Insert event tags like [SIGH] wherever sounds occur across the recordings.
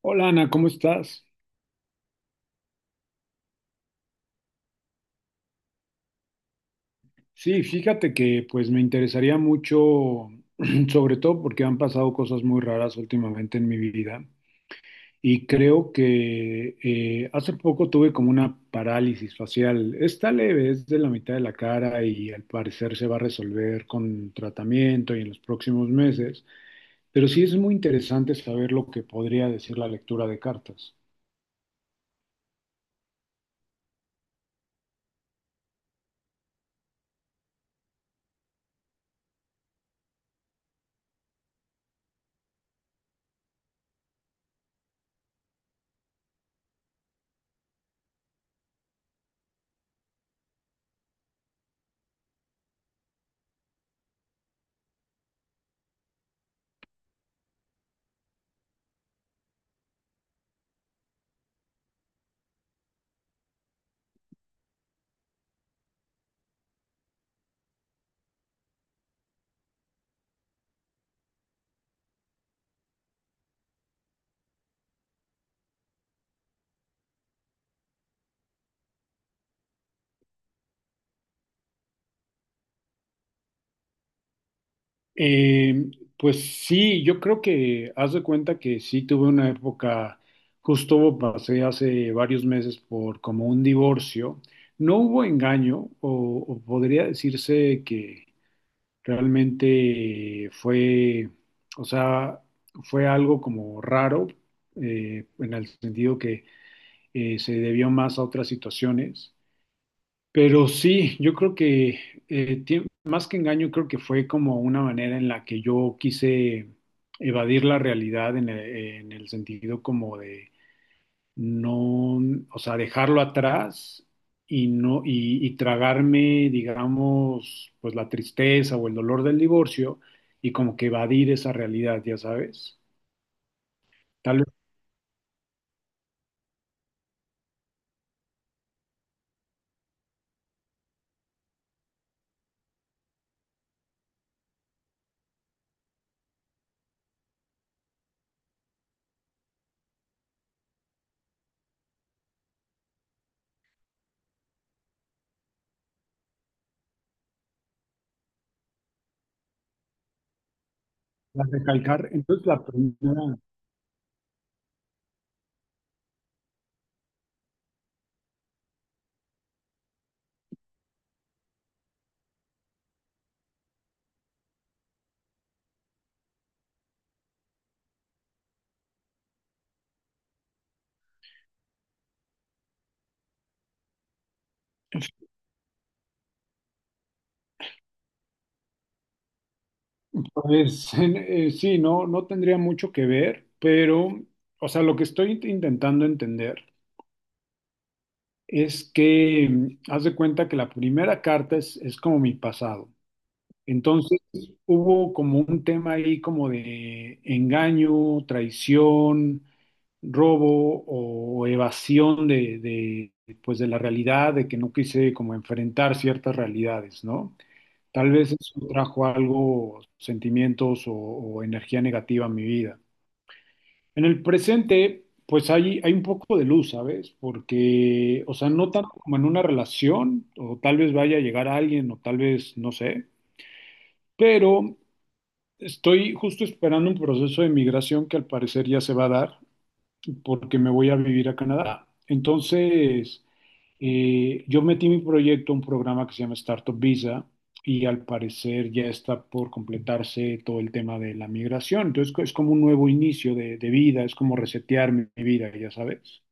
Hola Ana, ¿cómo estás? Sí, fíjate que pues me interesaría mucho, [CLEARS THROAT] sobre todo porque han pasado cosas muy raras últimamente en mi vida y creo que hace poco tuve como una parálisis facial. Está leve, es de la mitad de la cara y al parecer se va a resolver con tratamiento y en los próximos meses, pero sí es muy interesante saber lo que podría decir la lectura de cartas. Eh, pues sí, yo creo que haz de cuenta que sí tuve una época, justo pasé hace varios meses por como un divorcio. No hubo engaño, o podría decirse que realmente fue, o sea, fue algo como raro, en el sentido que se debió más a otras situaciones. Pero sí, yo creo que más que engaño, creo que fue como una manera en la que yo quise evadir la realidad en el sentido como de no, o sea, dejarlo atrás y no, y tragarme, digamos, pues la tristeza o el dolor del divorcio y como que evadir esa realidad, ya sabes. Tal vez la recalcar. Entonces la primera pues [LAUGHS] sí, no tendría mucho que ver, pero, o sea, lo que intentando entender es que mm, haz de cuenta que la primera carta es como mi pasado. Entonces, hubo como un tema ahí como de engaño, traición, robo o evasión de pues de la realidad, de que no quise como enfrentar ciertas realidades, ¿no? Tal vez eso trajo algo, sentimientos o energía negativa a mi vida. En el presente, pues hay un poco de luz, ¿sabes? Porque, o sea, no tanto como en una relación, o tal vez vaya a llegar a alguien, o tal vez, no sé, pero estoy justo esperando un proceso de migración que al parecer ya se va a dar porque me voy a vivir a Canadá. Entonces, yo metí mi proyecto a un programa que se llama Startup Visa y al parecer ya está por completarse todo el tema de la migración. Entonces, es como un nuevo inicio de vida, es como resetear mi vida, ya sabes.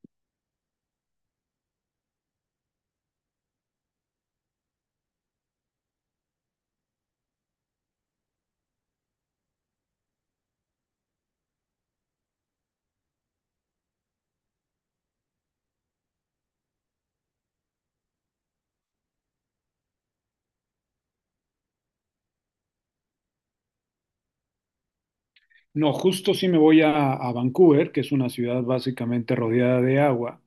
No, justo si me voy a Vancouver, que es una ciudad básicamente rodeada de agua,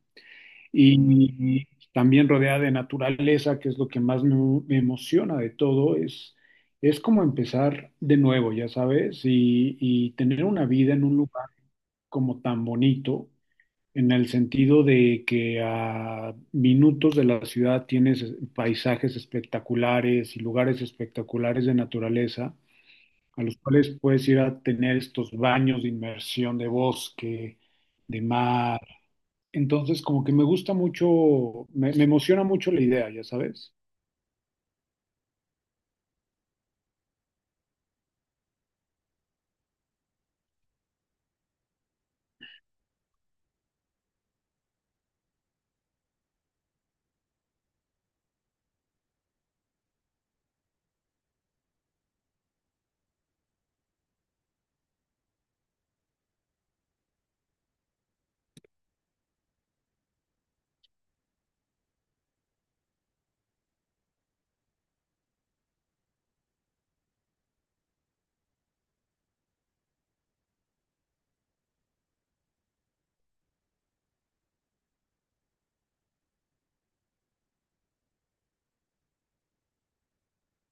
y también rodeada de naturaleza, que es lo que más me emociona de todo, es como empezar de nuevo, ya sabes, y tener una vida en un lugar como tan bonito, en el sentido de que a minutos de la ciudad tienes paisajes espectaculares y lugares espectaculares de naturaleza a los cuales puedes ir a tener estos baños de inmersión de bosque, de mar. Entonces, como que me gusta mucho, me emociona mucho la idea, ya sabes.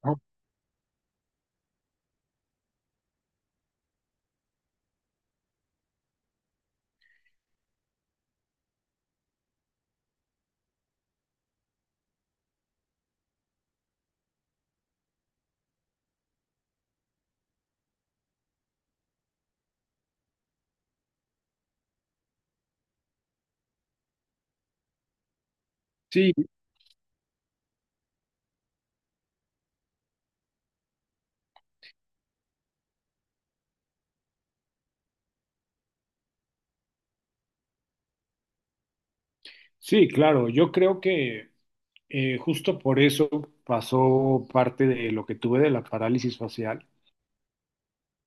¿No? Sí, sí, claro. Yo creo que justo por eso pasó parte de lo que tuve de la parálisis facial.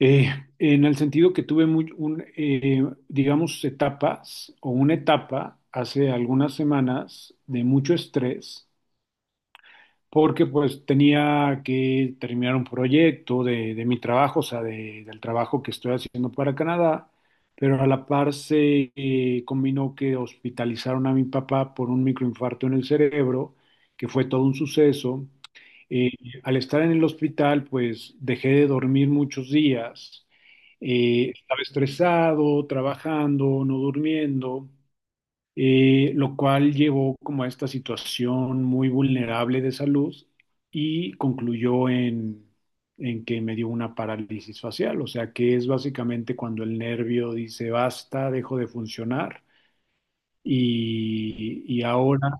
Eh, en el sentido que digamos, etapas o una etapa hace algunas semanas de mucho estrés porque pues tenía que terminar un proyecto de mi trabajo, o sea, del trabajo que estoy haciendo para Canadá, pero a la par se combinó que hospitalizaron a mi papá por un microinfarto en el cerebro, que fue todo un suceso. Eh, Al estar en el hospital, pues dejé de dormir muchos días. Estaba estresado, trabajando, no durmiendo, lo cual llevó como a esta situación muy vulnerable de salud y concluyó en que me dio una parálisis facial, o sea que es básicamente cuando el nervio dice basta, dejo de funcionar y ahora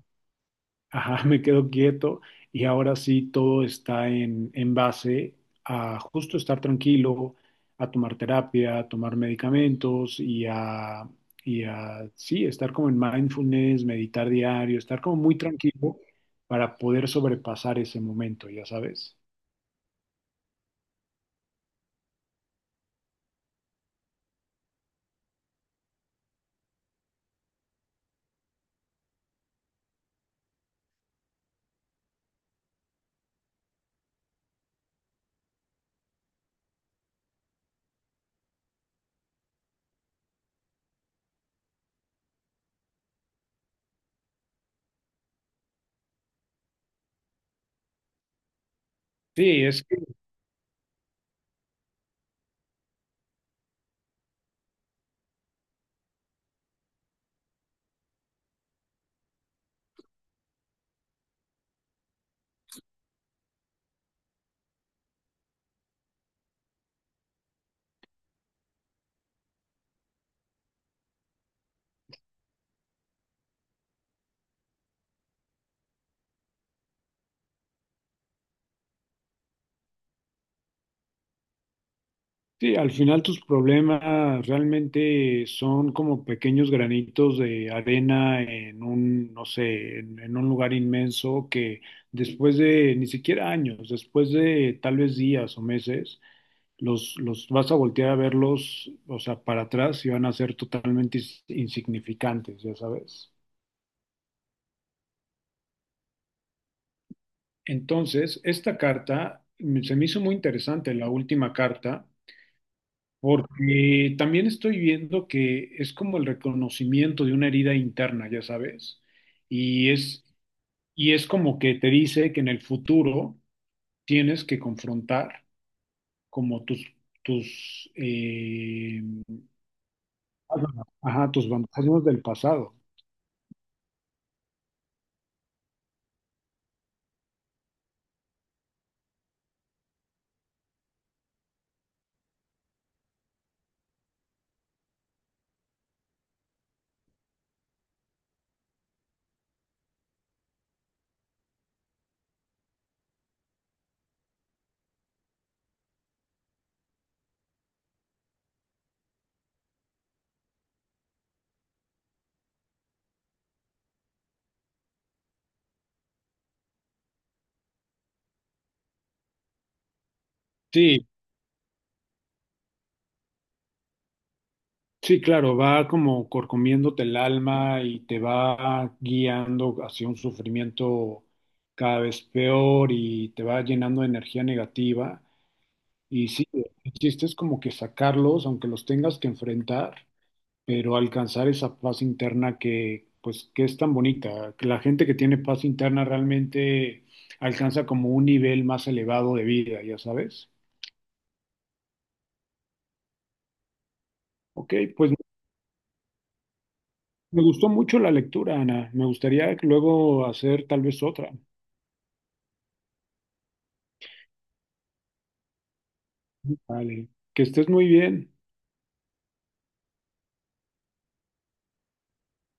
ajá, [LAUGHS] me quedo quieto y ahora sí todo está en base a justo estar tranquilo, a tomar terapia, a tomar medicamentos y a sí, estar como en mindfulness, meditar diario, estar como muy tranquilo para poder sobrepasar ese momento, ya sabes. Sí, es que sí, al final tus problemas realmente son como pequeños granitos de arena en un, no sé, en un lugar inmenso que después de ni siquiera años, después de tal vez días o meses, los vas a voltear a verlos, o sea, para atrás y van a ser totalmente insignificantes, ya sabes. Entonces, esta carta mm, se me hizo muy interesante, la última carta porque también estoy viendo que es como el reconocimiento de una herida interna, ya sabes, y es, y es como que te dice que en el futuro tienes que confrontar como tus, eh, ajá, tus fantasmas del pasado. Sí, sí, claro, va como corcomiéndote el alma y te va guiando hacia un sufrimiento cada vez peor y te va llenando de energía negativa. Y sí, el chiste es como que sacarlos, aunque los tengas que enfrentar, pero alcanzar esa paz interna que, pues, que es tan bonita. Que la gente que tiene paz interna realmente alcanza como un nivel más elevado de vida, ya sabes. Ok, pues me gustó mucho la lectura, Ana. Me gustaría luego hacer tal vez otra. Vale, que estés muy bien.